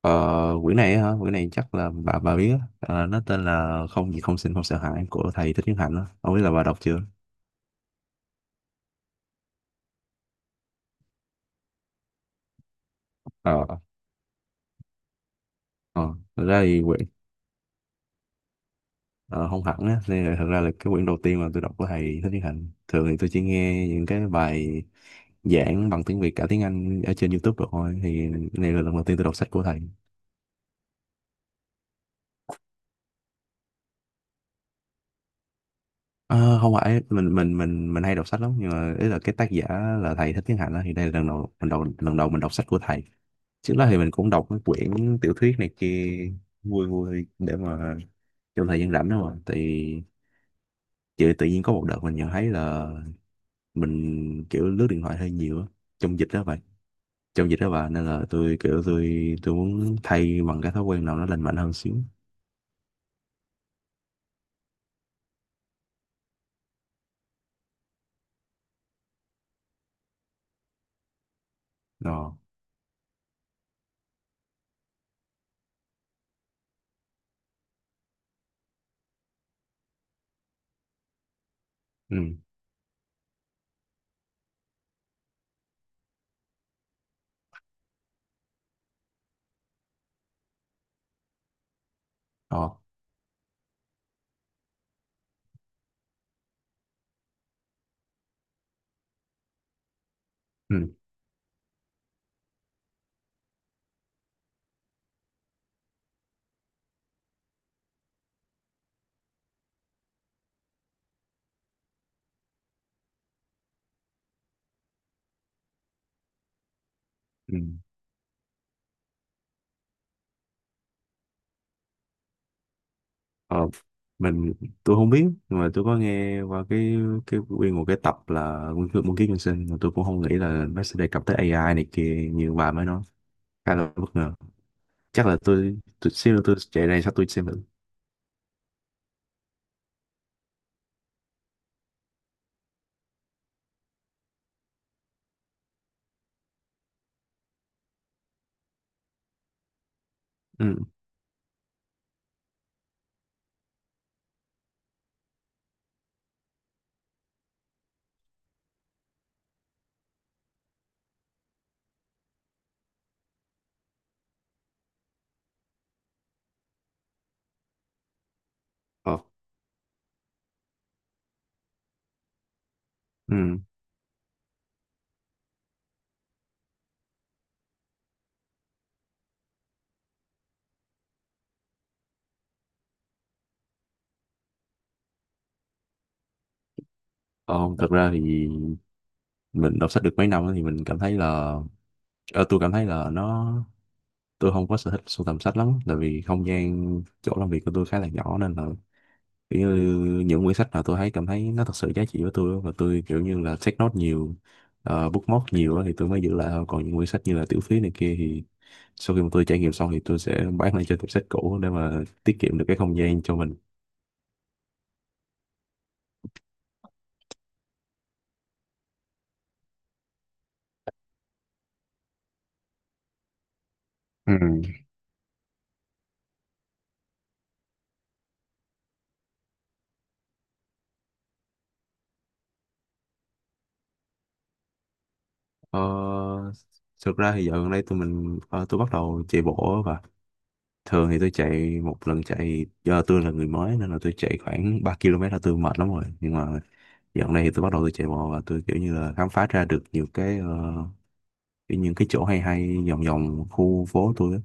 Ờ, quyển này á hả? Quyển này chắc là bà biết á. Ờ, nó tên là Không gì không xin không sợ hãi của thầy Thích Nhất Hạnh á. Không biết là bà đọc chưa? Ờ. Ờ, thực ra thì quyển ờ, không hẳn á, nên là thực ra là cái quyển đầu tiên mà tôi đọc của thầy Thích Nhất Hạnh. Thường thì tôi chỉ nghe những cái bài giảng bằng tiếng Việt cả tiếng Anh ở trên YouTube rồi thôi. Thì này là lần đầu tiên tôi đọc sách của thầy. Ờ, không phải mình hay đọc sách lắm, nhưng mà ý là cái tác giả là thầy Thích Nhất Hạnh á, thì đây là lần đầu mình đọc sách của thầy. Trước đó thì mình cũng đọc mấy quyển tiểu thuyết này kia vui vui để mà trong thời gian rảnh đó mà. Thì chị tự nhiên có một đợt mình nhận thấy là mình kiểu lướt điện thoại hơi nhiều á, trong dịch đó vậy, trong dịch đó bà, nên là tôi kiểu tôi muốn thay bằng cái thói quen nào nó lành mạnh hơn xíu. Ờ. Ừ. Ờ. Ừ. Ừ. Ờ. mình tôi không biết, nhưng mà tôi có nghe qua cái nguyên một cái tập là Nguyên Kiếp Nhân Sinh, mà tôi cũng không nghĩ là nó sẽ đề cập tới AI này kia như bà mới nói. Khá là bất ngờ. Chắc là tôi xíu nữa tôi chạy ra sao tôi xem thử. Ừ. Ờ. Ừ. Ờ. Không, thật ra thì mình đọc sách được mấy năm á thì mình cảm thấy là, ờ, tôi cảm thấy là tôi không có sở thích sưu tầm sách lắm, tại vì không gian chỗ làm việc của tôi khá là nhỏ, nên là kiểu như những quyển sách nào tôi thấy cảm thấy nó thật sự giá trị với tôi á, và tôi kiểu như là take note nhiều, bookmark nhiều á thì tôi mới giữ lại thôi. Còn những quyển sách như là tiểu thuyết này kia thì sau khi mà tôi trải nghiệm xong thì tôi sẽ bán lại cho tiệm sách cũ để mà tiết kiệm được cái không gian cho mình. Ừ. Ờ, thực ra thì dạo gần đây tôi bắt đầu chạy bộ. Và thường thì tôi chạy một lần chạy, do tôi là người mới nên là tôi chạy khoảng 3 km là tôi mệt lắm rồi, nhưng mà dạo gần đây thì tôi bắt đầu chạy bộ và tôi kiểu như là khám phá ra được nhiều cái, kiểu những cái chỗ hay hay vòng vòng khu phố tôi á.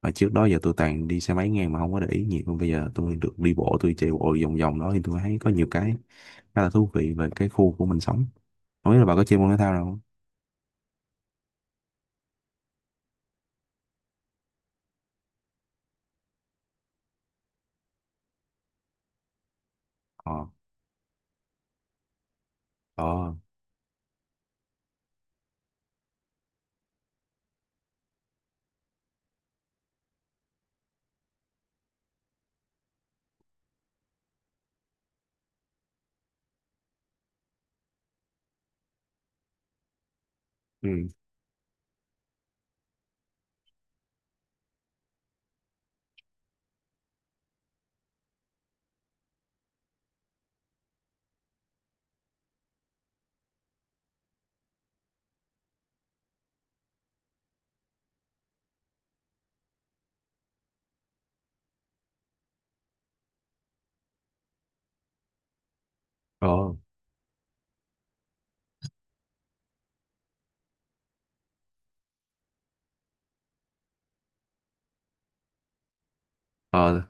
Và trước đó giờ tôi toàn đi xe máy ngang mà không có để ý nhiều, còn bây giờ tôi được đi bộ, tôi chạy bộ vòng vòng đó thì tôi thấy có nhiều cái khá là thú vị về cái khu của mình sống. Không biết là bà có chơi môn thể thao nào không? Ờ. Ờ. Ừ. Ờ. Ờ,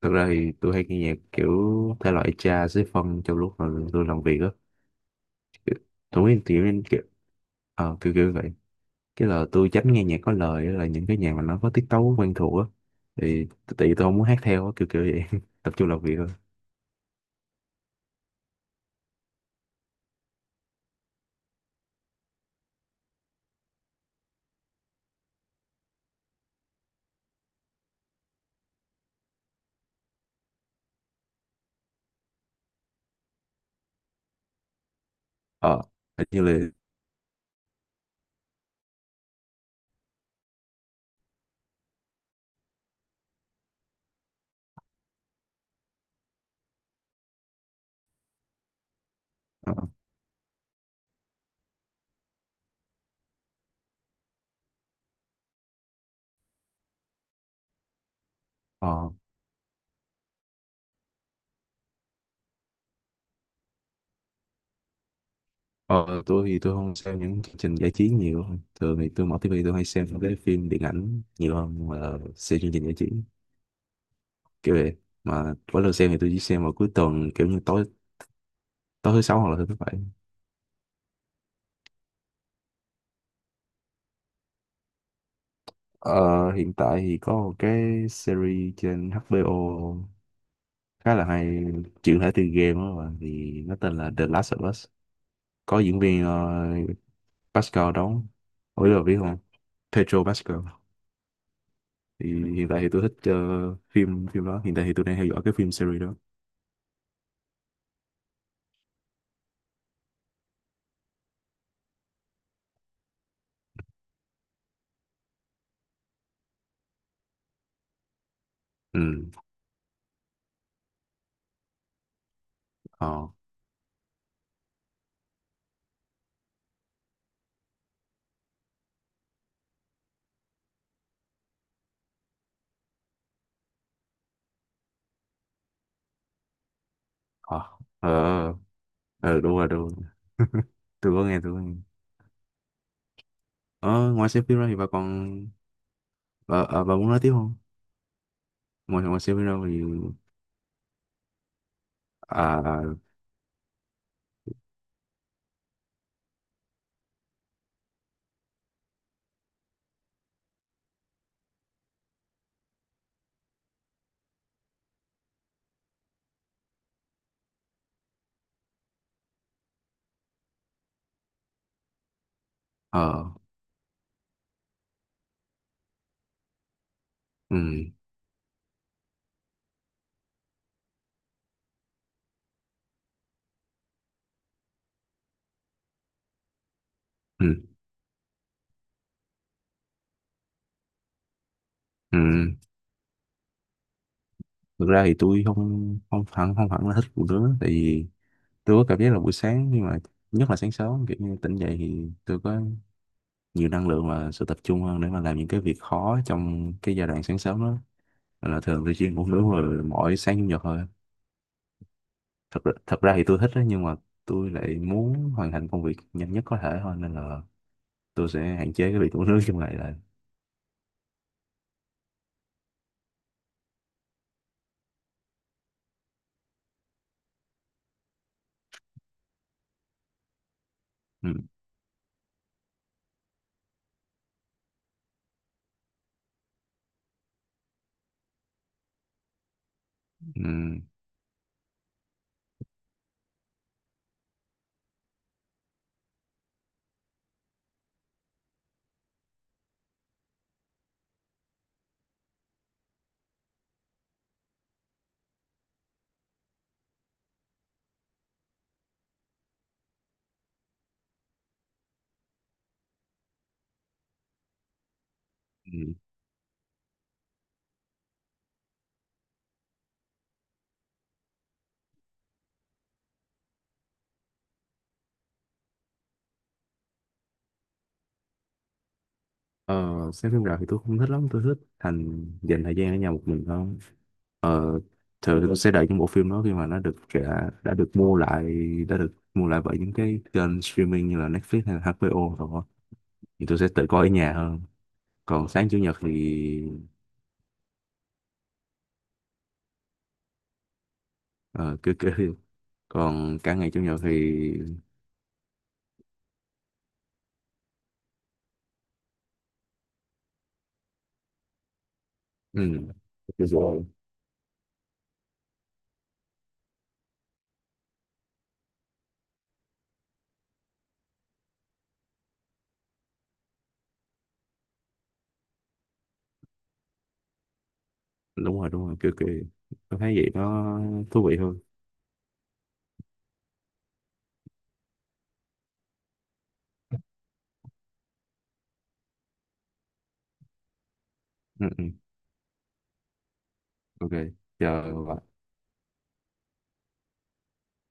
thực ra thì tôi hay nghe nhạc kiểu thể loại jazz với phân trong lúc mà tôi làm việc á. Kiểu- Tôi nghĩ kiểu, như kiểu, kiểu kiểu vậy. Cái là tôi tránh nghe nhạc có lời á, là những cái nhạc mà nó có tiết tấu quen thuộc á. Thì tại vì tôi không muốn hát theo á, kiểu kiểu vậy. Tập trung làm việc thôi. Ờ, hình như là. Ờ, ờ, ờ, tôi thì tôi không xem những chương trình giải trí nhiều. Thường thì tôi mở tivi tôi hay xem những cái phim điện ảnh nhiều hơn là xem chương trình giải trí. Kiểu vậy, mà mỗi lần xem thì tôi chỉ xem vào cuối tuần, kiểu như tối tối thứ sáu hoặc là thứ thứ bảy. Ờ, hiện tại thì có một cái series trên HBO khá là hay, chuyển thể từ game đó mà, thì nó tên là The Last of Us, có diễn viên Pascal đóng, ủa là biết không, Pedro Pascal. Thì hiện tại thì tôi thích phim phim đó, hiện tại thì tôi đang theo dõi cái phim series đó. Ừ. Ờ. Ờ. Ờ. Ờ, đúng rồi đúng rồi, tôi có nghe, tôi có nghe. Ờ, ngoài xem phim ra thì bà còn bà, à, bà muốn nói tiếp không? Ngoài ngoài xem phim ra thì. À. Ờ. Ừ. Ừ. Ừ. Thực ra thì tôi không không hẳn không hẳn là thích phụ nữ, tại vì tôi có cảm giác là buổi sáng, nhưng mà nhất là sáng sớm kiểu như tỉnh dậy thì tôi có nhiều năng lượng và sự tập trung hơn để mà làm những cái việc khó trong cái giai đoạn sáng sớm đó. Nên là thường tôi chuyên ngủ nướng rồi mỗi sáng chủ nhật thôi. Thật ra, thì tôi thích đó, nhưng mà tôi lại muốn hoàn thành công việc nhanh nhất có thể thôi, nên là tôi sẽ hạn chế cái việc ngủ nướng trong ngày lại. Ừ. Ừ. Ừ. Ờ, xem phim rạp thì tôi không thích lắm, tôi thích dành thời gian ở nhà một mình hơn. Ờ, thường thì tôi sẽ đợi những bộ phim đó khi mà nó đã được mua lại bởi những cái kênh streaming như là Netflix hay là HBO rồi đó. Thì tôi sẽ tự coi ở nhà hơn. Còn sáng chủ nhật thì ờ, cứ cứ còn cả ngày chủ nhật thì ừ, cứ rồi. Đúng rồi đúng rồi, cứ cứ tôi thấy vậy nó thú vị hơn. Ừ, ừ, OK, chờ bạn.